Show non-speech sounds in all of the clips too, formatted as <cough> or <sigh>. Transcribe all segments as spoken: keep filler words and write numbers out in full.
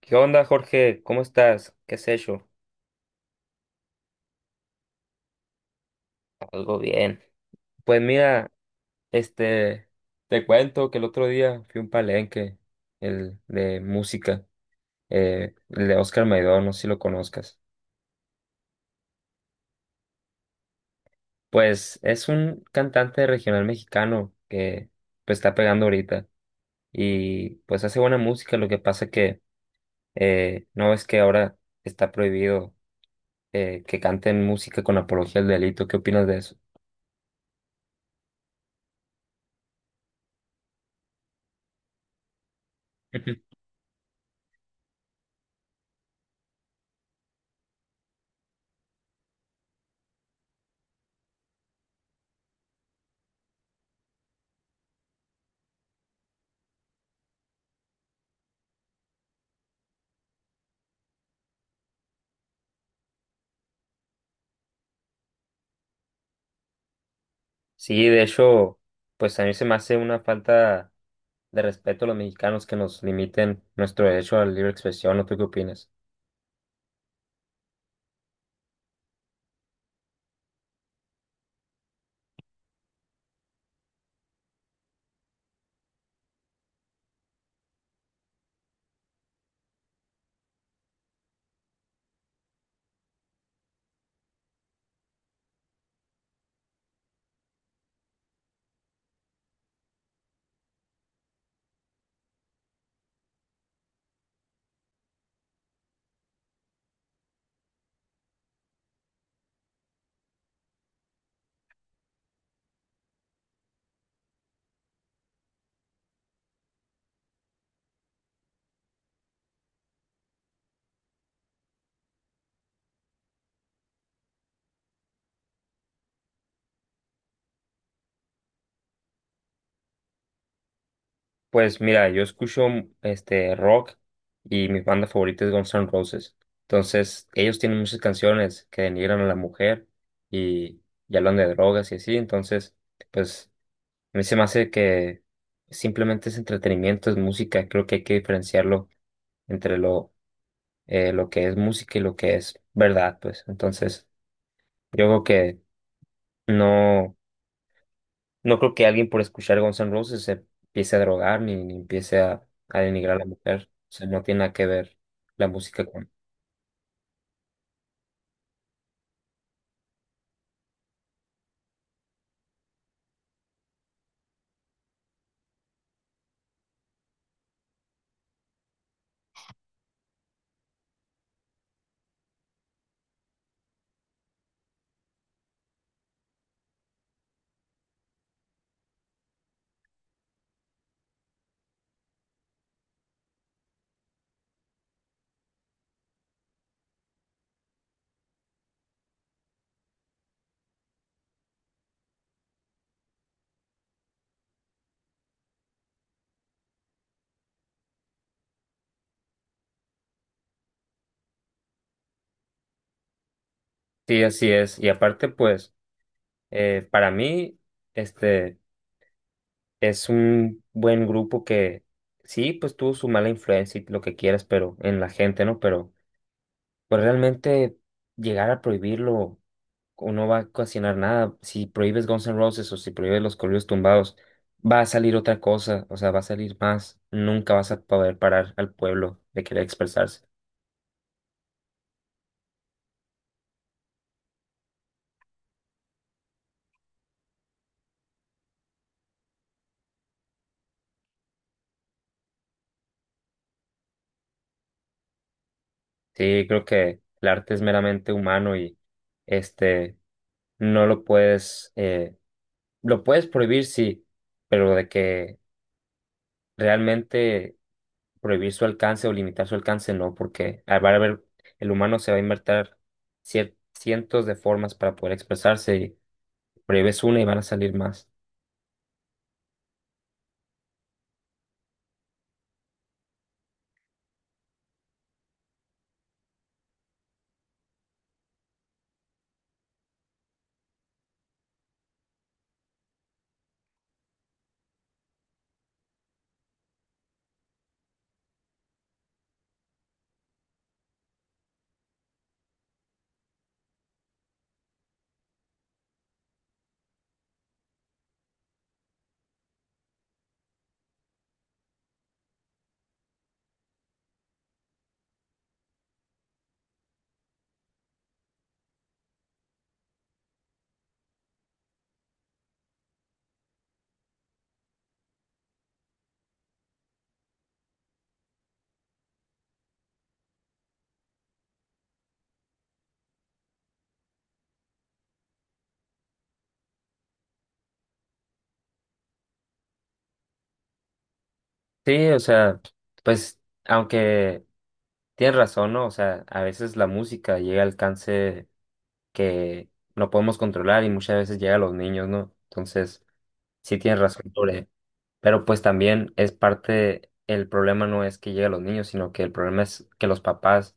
¿Qué onda, Jorge? ¿Cómo estás? ¿Qué has hecho? Algo bien. Pues mira, este, te cuento que el otro día fui a un palenque, el de música, eh, el de Oscar Maidón, no sé si lo conozcas. Pues es un cantante regional mexicano que pues está pegando ahorita y pues hace buena música, lo que pasa que eh, no es que ahora está prohibido, eh, que canten música con apología al delito. ¿Qué opinas de eso? <laughs> Sí, de hecho, pues a mí se me hace una falta de respeto a los mexicanos que nos limiten nuestro derecho a la libre expresión. ¿No tú qué opinas? Pues mira, yo escucho mm, este rock, y mi banda favorita es Guns N' Roses. Entonces, ellos tienen muchas canciones que denigran a la mujer y, y hablan de drogas y así. Entonces, pues a mí se me hace que simplemente es entretenimiento, es música. Creo que hay que diferenciarlo entre lo, eh, lo que es música y lo que es verdad, pues. Entonces, yo creo que no, no creo que alguien por escuchar Guns N' Roses se empiece a drogar ni, ni empiece a, a denigrar a la mujer. O sea, no tiene nada que ver la música con... Sí, así es. Y aparte, pues, eh, para mí, este, es un buen grupo que sí, pues tuvo su mala influencia y lo que quieras, pero en la gente, ¿no? Pero pues realmente llegar a prohibirlo o no va a ocasionar nada. Si prohíbes Guns N' Roses o si prohíbes los corridos tumbados, va a salir otra cosa, o sea, va a salir más. Nunca vas a poder parar al pueblo de querer expresarse. Sí, creo que el arte es meramente humano y este no lo puedes, eh, lo puedes prohibir, sí, pero de que realmente prohibir su alcance o limitar su alcance, no, porque va a haber, el humano se va a inventar cier- cientos de formas para poder expresarse. Prohíbes una y van a salir más. Sí, o sea, pues aunque tienes razón, ¿no? O sea, a veces la música llega al alcance que no podemos controlar, y muchas veces llega a los niños, ¿no? Entonces, sí tienes razón sobre, pero pues también es parte, el problema no es que llegue a los niños, sino que el problema es que los papás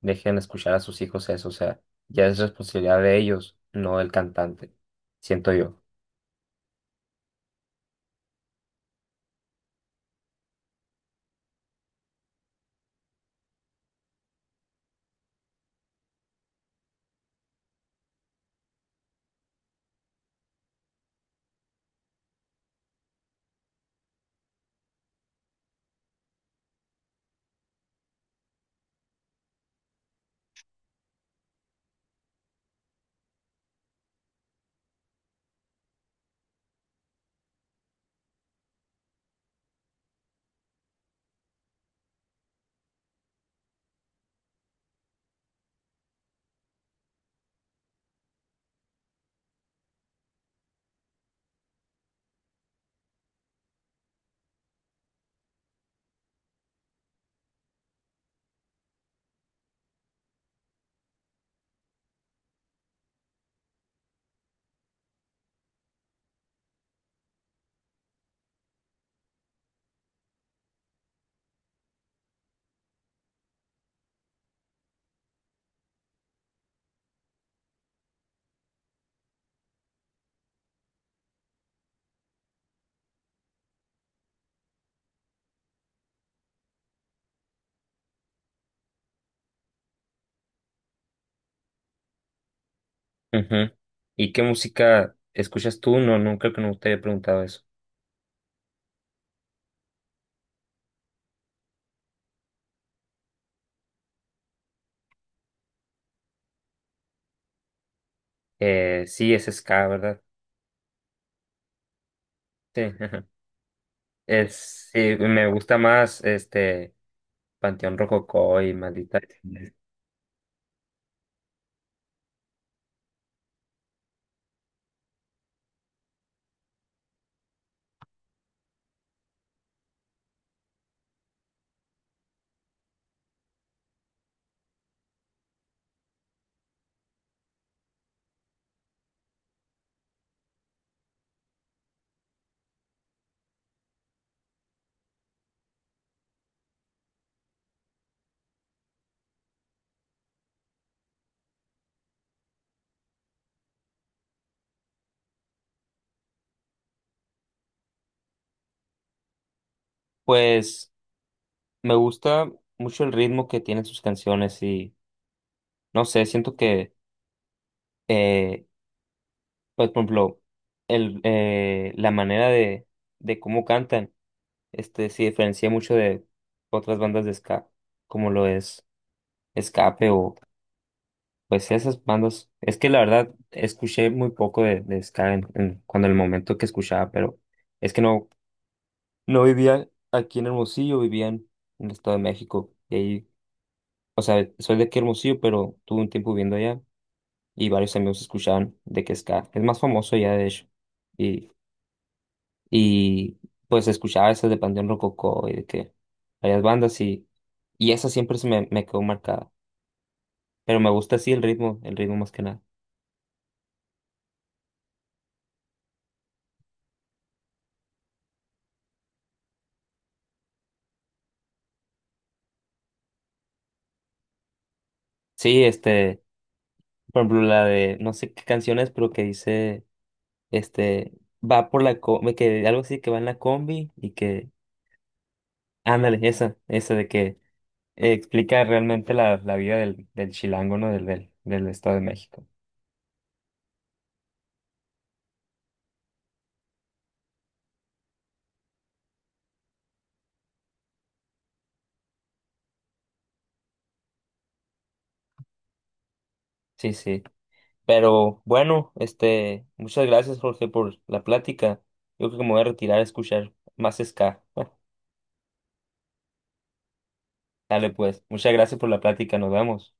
dejen escuchar a sus hijos eso, o sea, ya es responsabilidad de ellos, no del cantante, siento yo. Ujú. ¿Y qué música escuchas tú? No, no creo que no te he preguntado eso. Eh, sí, es ska, ¿verdad? Sí, ajá. Es, sí, me gusta más este Panteón Rococó y Maldita Vecindad. Pues me gusta mucho el ritmo que tienen sus canciones, y no sé, siento que, eh, pues, por ejemplo, el, eh, la manera de, de cómo cantan este, se diferencia mucho de otras bandas de ska, como lo es Escape. Pues esas bandas, es que la verdad escuché muy poco de, de ska en, en- cuando el momento que escuchaba, pero es que no, no vivía aquí en Hermosillo, vivía en, en el Estado de México. Y ahí, o sea, soy de aquí Hermosillo, pero tuve un tiempo viviendo allá y varios amigos escuchaban de que ska. Es más famoso ya, de hecho. Y, y pues escuchaba esas de Panteón Rococó y de que varias bandas, y, y esa siempre se me, me quedó marcada. Pero me gusta así el ritmo, el ritmo más que nada. Sí, este, por ejemplo, la de no sé qué canciones, pero que dice, este, va por la combi, que algo así, que va en la combi y que, ándale, esa, esa de que eh, explica realmente la, la vida del, del chilango, ¿no? Del, del, del Estado de México. Sí, sí. Pero bueno, este, muchas gracias, Jorge, por la plática. Yo creo que me voy a retirar a escuchar más ska. <laughs> Dale, pues, muchas gracias por la plática, nos vemos.